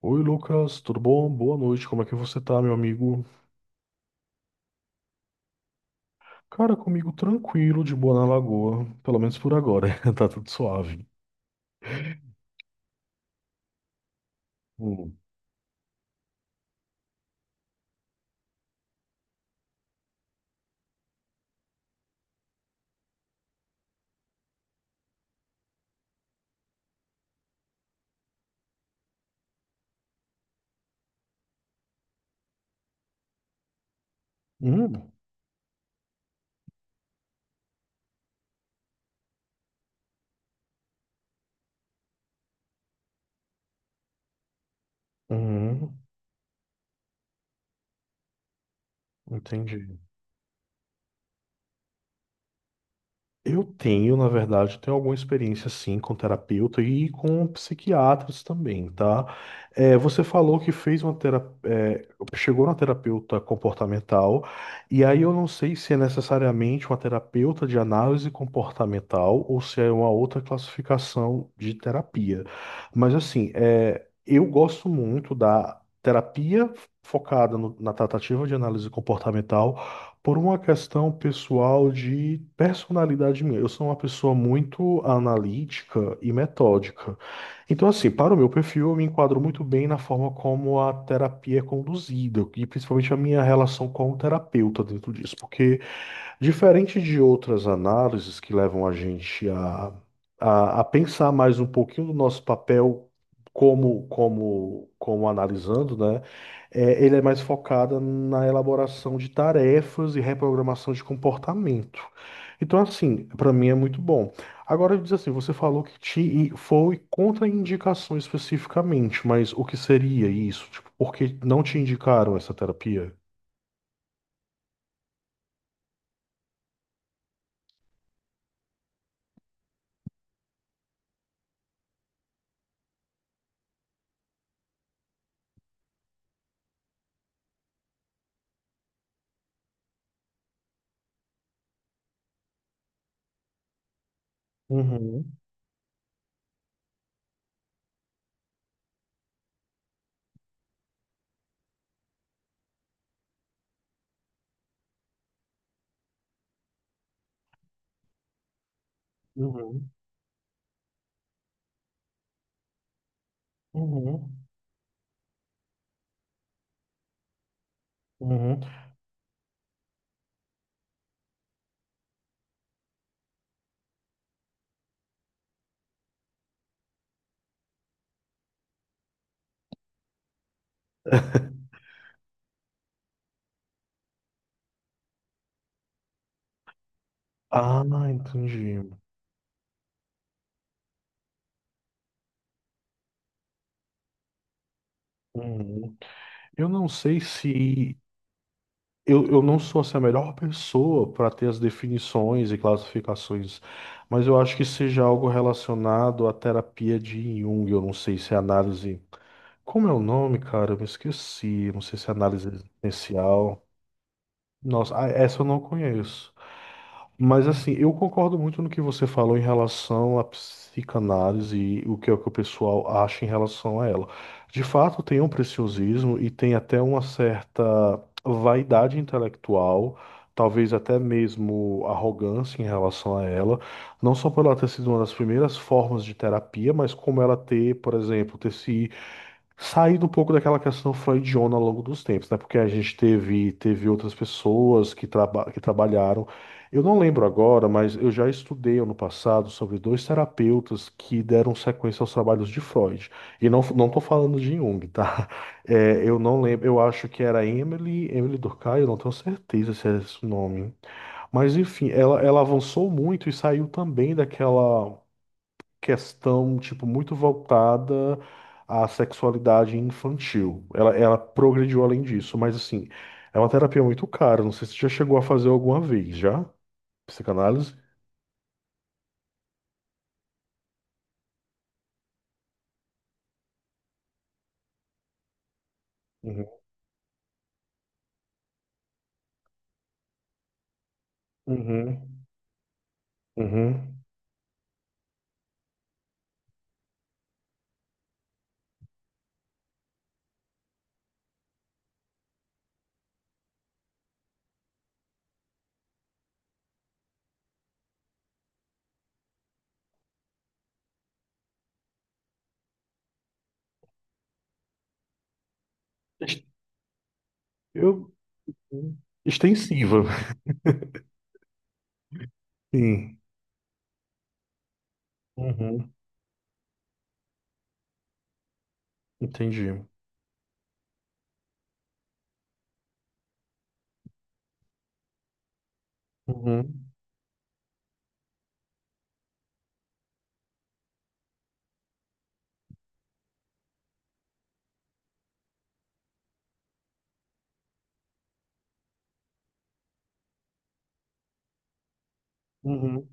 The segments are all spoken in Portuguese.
Oi, Lucas, tudo bom? Boa noite, como é que você tá, meu amigo? Cara, comigo tranquilo, de boa na lagoa, pelo menos por agora, tá tudo suave. Hum. Hum. Hum. Entendi. Eu tenho, na verdade, eu tenho alguma experiência sim com terapeuta e com psiquiatras também, tá? Você falou que fez uma terapia, chegou na terapeuta comportamental, e aí eu não sei se é necessariamente uma terapeuta de análise comportamental ou se é uma outra classificação de terapia. Mas assim, eu gosto muito da terapia focada na tratativa de análise comportamental por uma questão pessoal de personalidade minha. Eu sou uma pessoa muito analítica e metódica. Então, assim, para o meu perfil, eu me enquadro muito bem na forma como a terapia é conduzida, e principalmente a minha relação com o terapeuta dentro disso, porque diferente de outras análises que levam a gente a, a pensar mais um pouquinho do nosso papel como, como analisando, né? Ele é mais focado na elaboração de tarefas e reprogramação de comportamento. Então, assim, para mim é muito bom. Agora, diz assim, você falou que te e foi contraindicação especificamente, mas o que seria isso? Tipo, por que não te indicaram essa terapia? Uhum, uhum, uhum. Uhum. Ah, entendi. Uhum. Eu não sei se. Eu não sou assim, a melhor pessoa para ter as definições e classificações, mas eu acho que seja algo relacionado à terapia de Jung. Eu não sei se é análise. Como é o nome, cara? Eu me esqueci. Não sei se é análise existencial. Nossa, ah, essa eu não conheço. Mas assim, eu concordo muito no que você falou em relação à psicanálise e o que é que o pessoal acha em relação a ela. De fato, tem um preciosismo e tem até uma certa vaidade intelectual, talvez até mesmo arrogância em relação a ela, não só por ela ter sido uma das primeiras formas de terapia, mas como ela ter, por exemplo, ter se saindo um pouco daquela questão freudiana ao longo dos tempos, né? Porque a gente teve outras pessoas que trabalharam. Eu não lembro agora, mas eu já estudei ano passado sobre dois terapeutas que deram sequência aos trabalhos de Freud. E não, não tô falando de Jung, tá? Eu não lembro, eu acho que era Emily Durkheim, eu não tenho certeza se é esse o nome. Mas enfim, ela avançou muito e saiu também daquela questão, tipo, muito voltada à sexualidade infantil. Ela progrediu além disso, mas assim, é uma terapia muito cara. Não sei se você já chegou a fazer alguma vez, já? Psicanálise? Uhum. Uhum. Uhum. Ex- Eu. Extensiva. Sim. Uhum. Entendi. Uhum. Uhum.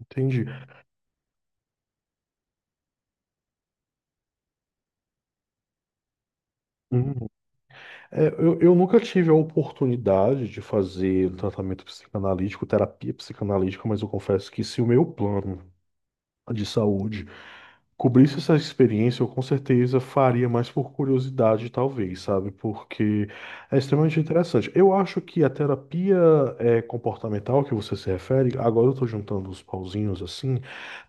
Entendi. Uhum. Eu nunca tive a oportunidade de fazer tratamento psicanalítico, terapia psicanalítica, mas eu confesso que se o meu plano de saúde cobrisse essa experiência, eu com certeza faria mais por curiosidade, talvez, sabe? Porque é extremamente interessante. Eu acho que a terapia é, comportamental que você se refere, agora eu estou juntando os pauzinhos assim,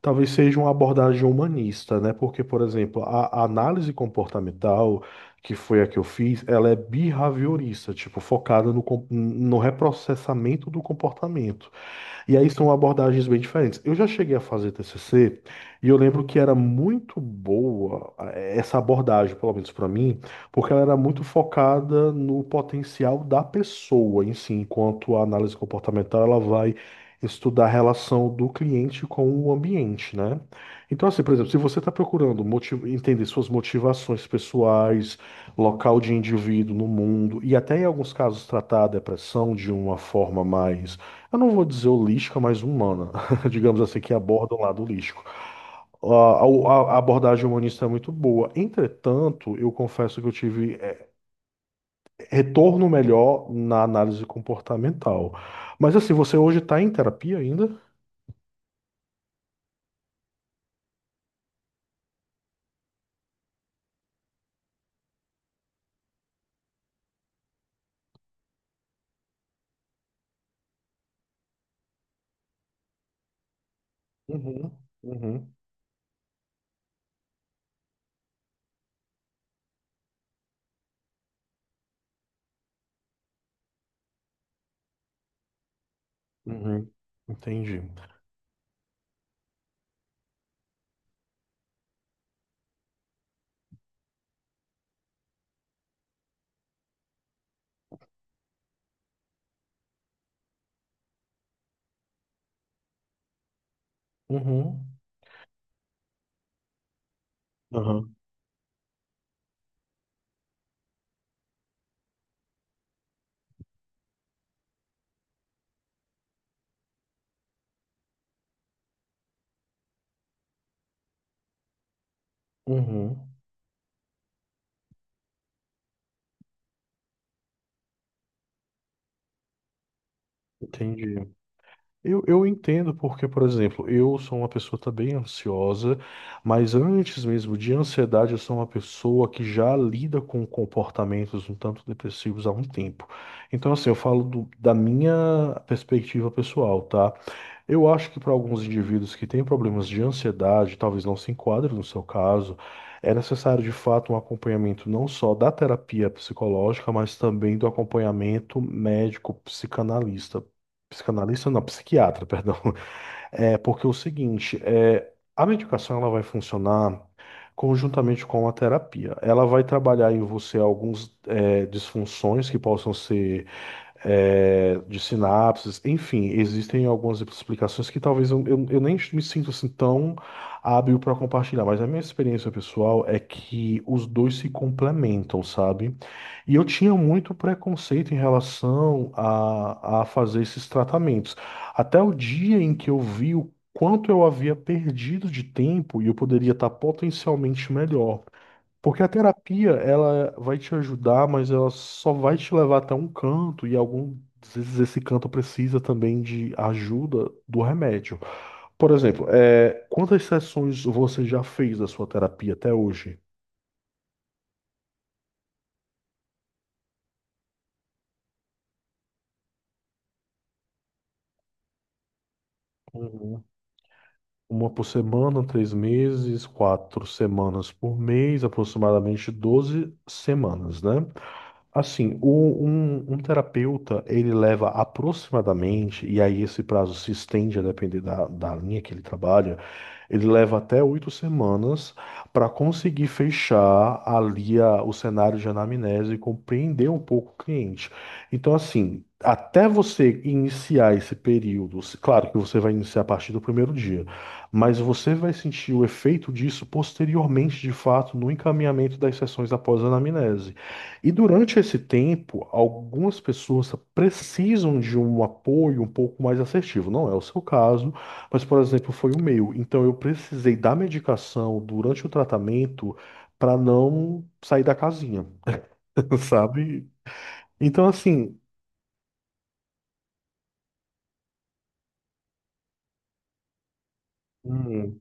talvez seja uma abordagem humanista, né? Porque, por exemplo, a análise comportamental. Que foi a que eu fiz, ela é behaviorista, tipo, focada no reprocessamento do comportamento. E aí são abordagens bem diferentes. Eu já cheguei a fazer TCC e eu lembro que era muito boa essa abordagem, pelo menos para mim, porque ela era muito focada no potencial da pessoa em si, enquanto a análise comportamental ela vai estudar a relação do cliente com o ambiente, né? Então, assim, por exemplo, se você está procurando entender suas motivações pessoais, local de indivíduo no mundo e até em alguns casos tratar a depressão de uma forma mais, eu não vou dizer holística, mas humana, digamos assim, que aborda o lado holístico. A abordagem humanista é muito boa. Entretanto, eu confesso que eu tive retorno melhor na análise comportamental. Mas assim, você hoje está em terapia ainda? Uhum, uhum, uhum. Entendi. Uhum, uhum, uhum. Entendi. Eu entendo porque, por exemplo, eu sou uma pessoa também ansiosa, mas antes mesmo de ansiedade, eu sou uma pessoa que já lida com comportamentos um tanto depressivos há um tempo. Então, assim, eu falo da minha perspectiva pessoal, tá? Eu acho que para alguns indivíduos que têm problemas de ansiedade, talvez não se enquadre no seu caso, é necessário de fato um acompanhamento não só da terapia psicológica, mas também do acompanhamento médico psicanalista. Psicanalista não, psiquiatra, perdão. É porque é o seguinte, a medicação ela vai funcionar conjuntamente com a terapia. Ela vai trabalhar em você alguns, disfunções que possam ser, de sinapses, enfim, existem algumas explicações que talvez eu nem me sinto assim tão hábil para compartilhar, mas a minha experiência pessoal é que os dois se complementam, sabe? E eu tinha muito preconceito em relação a fazer esses tratamentos, até o dia em que eu vi o quanto eu havia perdido de tempo e eu poderia estar potencialmente melhor. Porque a terapia, ela vai te ajudar, mas ela só vai te levar até um canto, e algumas vezes esse canto precisa também de ajuda do remédio. Por exemplo, quantas sessões você já fez da sua terapia até hoje? Uhum. Uma por semana, 3 meses, 4 semanas por mês, aproximadamente 12 semanas, né? Assim, um terapeuta, ele leva aproximadamente, e aí esse prazo se estende a depender da, linha que ele trabalha, ele leva até 8 semanas para conseguir fechar ali o cenário de anamnese e compreender um pouco o cliente. Então, assim, até você iniciar esse período, claro que você vai iniciar a partir do primeiro dia, mas você vai sentir o efeito disso posteriormente, de fato, no encaminhamento das sessões após a anamnese. E durante esse tempo, algumas pessoas precisam de um apoio um pouco mais assertivo. Não é o seu caso. Mas, por exemplo, foi o meu. Então, eu precisei da medicação durante o tratamento para não sair da casinha, sabe? Então, assim, hum,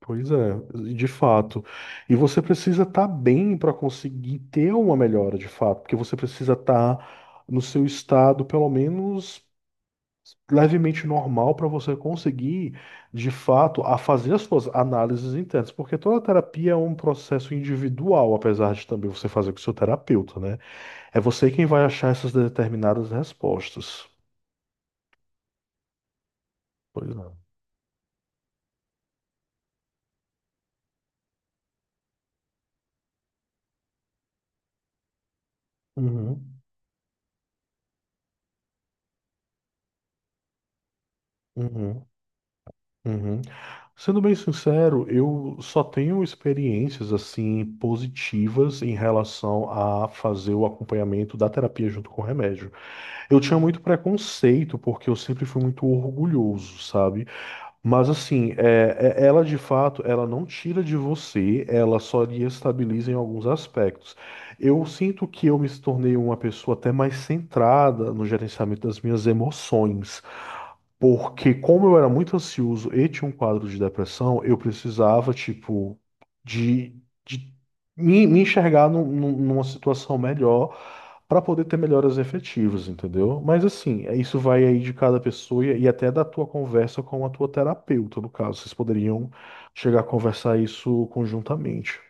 pois é, de fato. E você precisa estar bem para conseguir ter uma melhora, de fato, porque você precisa estar no seu estado, pelo menos, levemente normal para você conseguir, de fato, a fazer as suas análises internas, porque toda terapia é um processo individual, apesar de também você fazer com o seu terapeuta, né? É você quem vai achar essas determinadas respostas. Pois é. Uhum, uhum, uhum. Sendo bem sincero, eu só tenho experiências assim positivas em relação a fazer o acompanhamento da terapia junto com o remédio. Eu tinha muito preconceito porque eu sempre fui muito orgulhoso, sabe? Mas assim, ela de fato, ela não tira de você, ela só lhe estabiliza em alguns aspectos. Eu sinto que eu me tornei uma pessoa até mais centrada no gerenciamento das minhas emoções, porque como eu era muito ansioso e tinha um quadro de depressão, eu precisava, tipo, de, de me enxergar numa situação melhor para poder ter melhoras efetivas, entendeu? Mas assim, isso vai aí de cada pessoa e até da tua conversa com a tua terapeuta, no caso. Vocês poderiam chegar a conversar isso conjuntamente.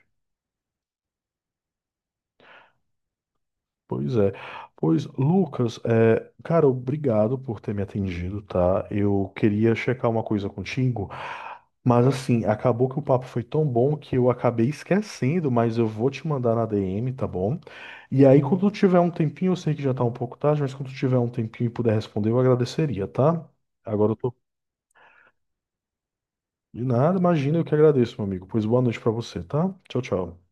Pois é. Pois, Lucas, cara, obrigado por ter me atendido, tá? Eu queria checar uma coisa contigo, mas assim, acabou que o papo foi tão bom que eu acabei esquecendo, mas eu vou te mandar na DM, tá bom? E aí, quando tu tiver um tempinho, eu sei que já tá um pouco tarde, mas quando tu tiver um tempinho e puder responder, eu agradeceria, tá? Agora eu tô. De nada, imagina, eu que agradeço, meu amigo. Pois boa noite pra você, tá? Tchau, tchau.